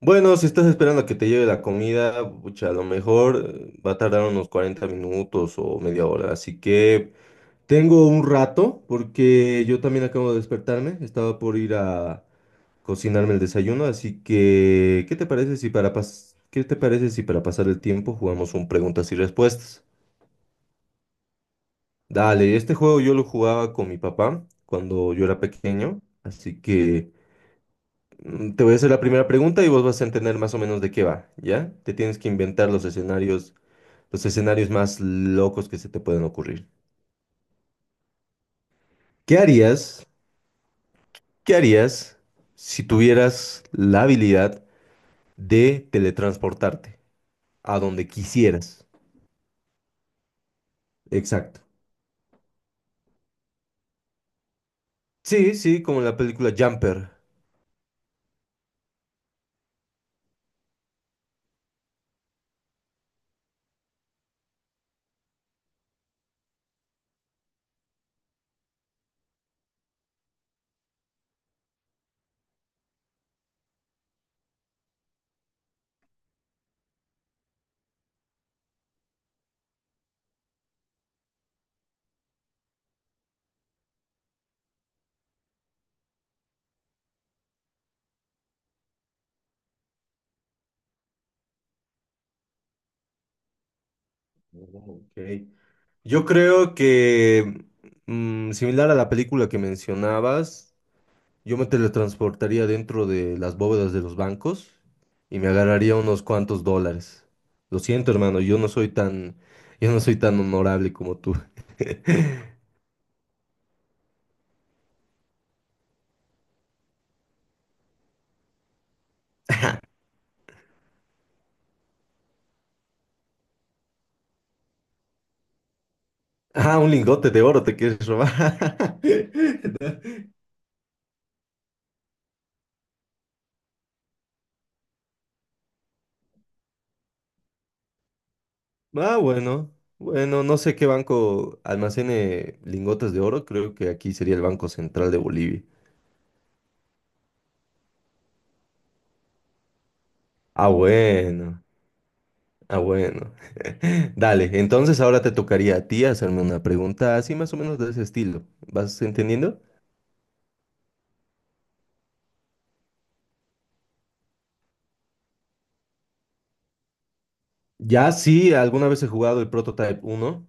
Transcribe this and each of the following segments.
Bueno, si estás esperando a que te lleve la comida, pucha, a lo mejor va a tardar unos 40 minutos o media hora. Así que tengo un rato porque yo también acabo de despertarme. Estaba por ir a cocinarme el desayuno. Así que, ¿qué te parece si para pasar el tiempo jugamos un preguntas y respuestas? Dale, este juego yo lo jugaba con mi papá cuando yo era pequeño. Así que... Te voy a hacer la primera pregunta y vos vas a entender más o menos de qué va, ¿ya? Te tienes que inventar los escenarios más locos que se te pueden ocurrir. ¿Qué harías? ¿Qué harías si tuvieras la habilidad de teletransportarte a donde quisieras? Exacto. Sí, sí, como en la película Jumper. Oh, ok. Yo creo que similar a la película que mencionabas, yo me teletransportaría dentro de las bóvedas de los bancos y me agarraría unos cuantos dólares. Lo siento, hermano, yo no soy tan honorable como tú. Ah, un lingote de oro te quieres robar. Ah, bueno, bueno, no sé qué banco almacene lingotes de oro, creo que aquí sería el Banco Central de Bolivia. Ah, bueno, ah, bueno. Dale, entonces ahora te tocaría a ti hacerme una pregunta así más o menos de ese estilo. ¿Vas entendiendo? Ya sí, alguna vez he jugado el Prototype uno.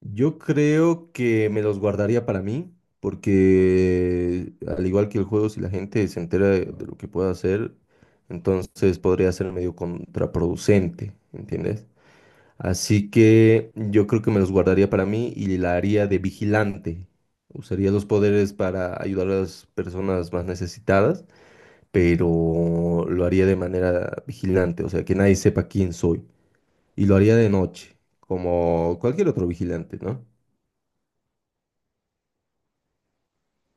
Yo creo que me los guardaría para mí, porque al igual que el juego, si la gente se entera de lo que pueda hacer, entonces podría ser medio contraproducente, ¿entiendes? Así que yo creo que me los guardaría para mí y la haría de vigilante. Usaría los poderes para ayudar a las personas más necesitadas, pero lo haría de manera vigilante, o sea, que nadie sepa quién soy. Y lo haría de noche, como cualquier otro vigilante, ¿no?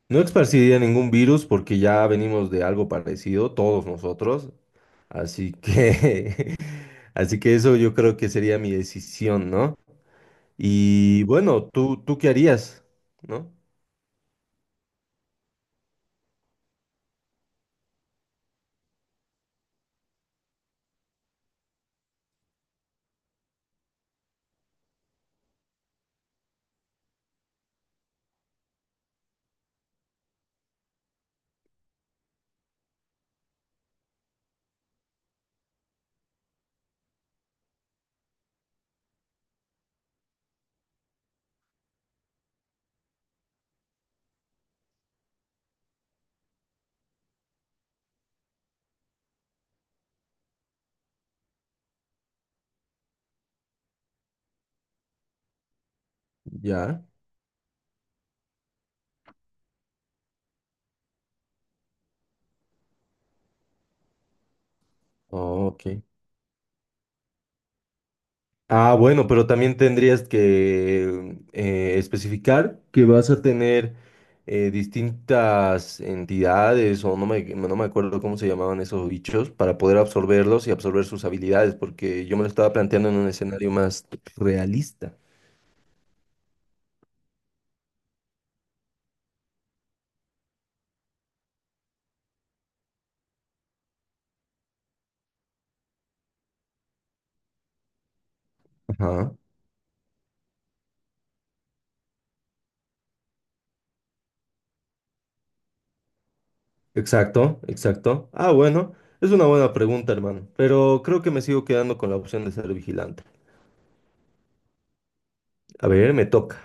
No esparciría ningún virus porque ya venimos de algo parecido, todos nosotros, así que, así que eso yo creo que sería mi decisión, ¿no? Y bueno, ¿tú qué harías? ¿No? Ya. Oh, ok. Ah, bueno, pero también tendrías que especificar que vas a tener distintas entidades o no me acuerdo cómo se llamaban esos bichos para poder absorberlos y absorber sus habilidades, porque yo me lo estaba planteando en un escenario más realista. Ajá, exacto, exacto. Ah, bueno, es una buena pregunta, hermano, pero creo que me sigo quedando con la opción de ser vigilante. A ver, me toca.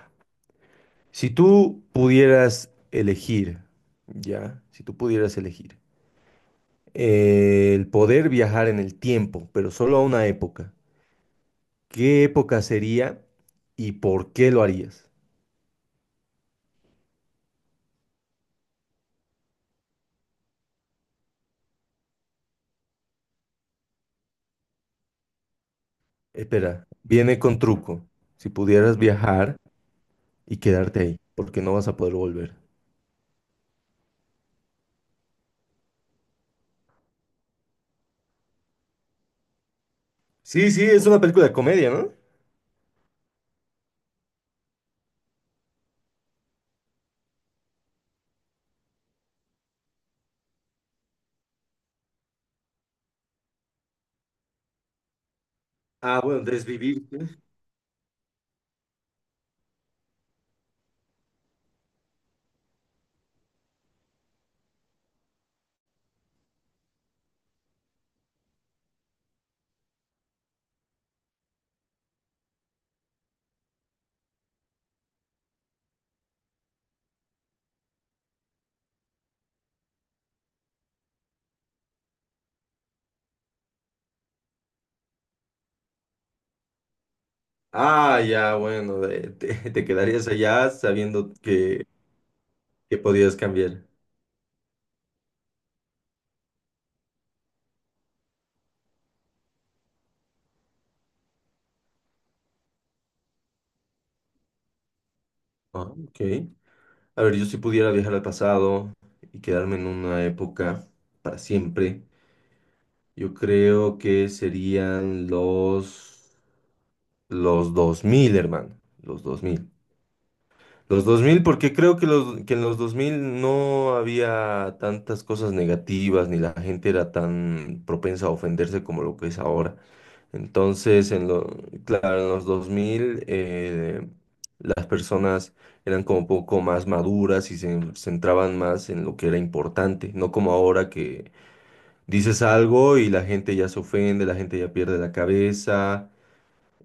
Si tú pudieras elegir, ya, si tú pudieras elegir el poder viajar en el tiempo, pero solo a una época. ¿Qué época sería y por qué lo harías? Espera, viene con truco. Si pudieras viajar y quedarte ahí, porque no vas a poder volver. Sí, sí, es una película de comedia, ¿no? Ah, bueno, desvivirte. Ah, ya, bueno, te quedarías allá sabiendo que podías cambiar. Ah, ok. A ver, yo si pudiera viajar al pasado y quedarme en una época para siempre. Yo creo que los 2000, hermano. Los 2000, los 2000, porque creo que en los 2000 no había tantas cosas negativas, ni la gente era tan propensa a ofenderse como lo que es ahora. Entonces, en lo, claro, en los 2000 las personas eran como un poco más maduras y se centraban más en lo que era importante, no como ahora que dices algo y la gente ya se ofende, la gente ya pierde la cabeza,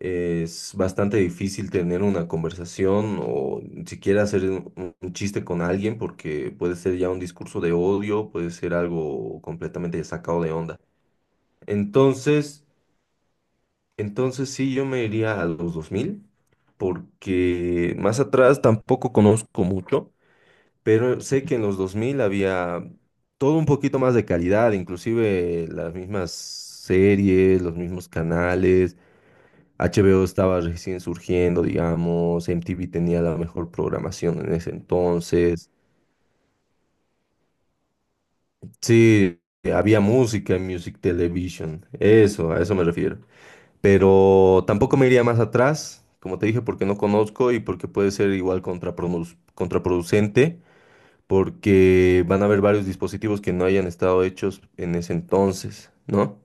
es bastante difícil tener una conversación o ni siquiera hacer un chiste con alguien porque puede ser ya un discurso de odio, puede ser algo completamente sacado de onda. Entonces, entonces sí, yo me iría a los 2000 porque más atrás tampoco conozco mucho, pero sé que en los 2000 había todo un poquito más de calidad, inclusive las mismas series, los mismos canales, HBO estaba recién surgiendo, digamos, MTV tenía la mejor programación en ese entonces. Sí, había música en Music Television, eso, a eso me refiero. Pero tampoco me iría más atrás, como te dije, porque no conozco y porque puede ser igual contraproducente porque van a haber varios dispositivos que no hayan estado hechos en ese entonces, ¿no?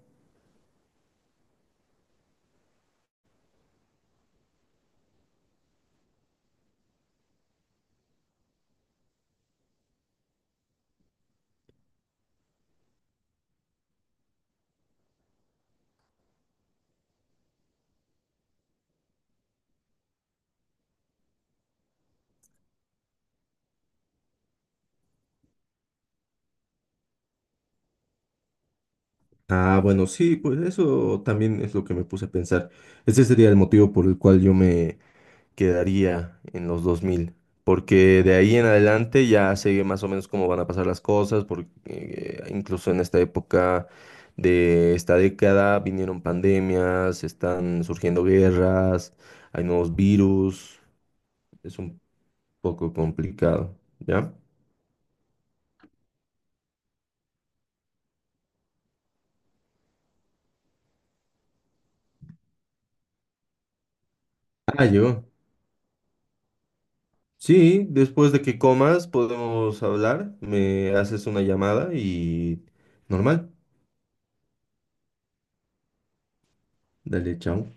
Ah, bueno, sí, pues eso también es lo que me puse a pensar. Ese sería el motivo por el cual yo me quedaría en los 2000, porque de ahí en adelante ya sé más o menos cómo van a pasar las cosas, porque incluso en esta época de esta década vinieron pandemias, están surgiendo guerras, hay nuevos virus, es un poco complicado, ¿ya? Ah, yo. Sí, después de que comas podemos hablar, me haces una llamada y normal. Dale, chao.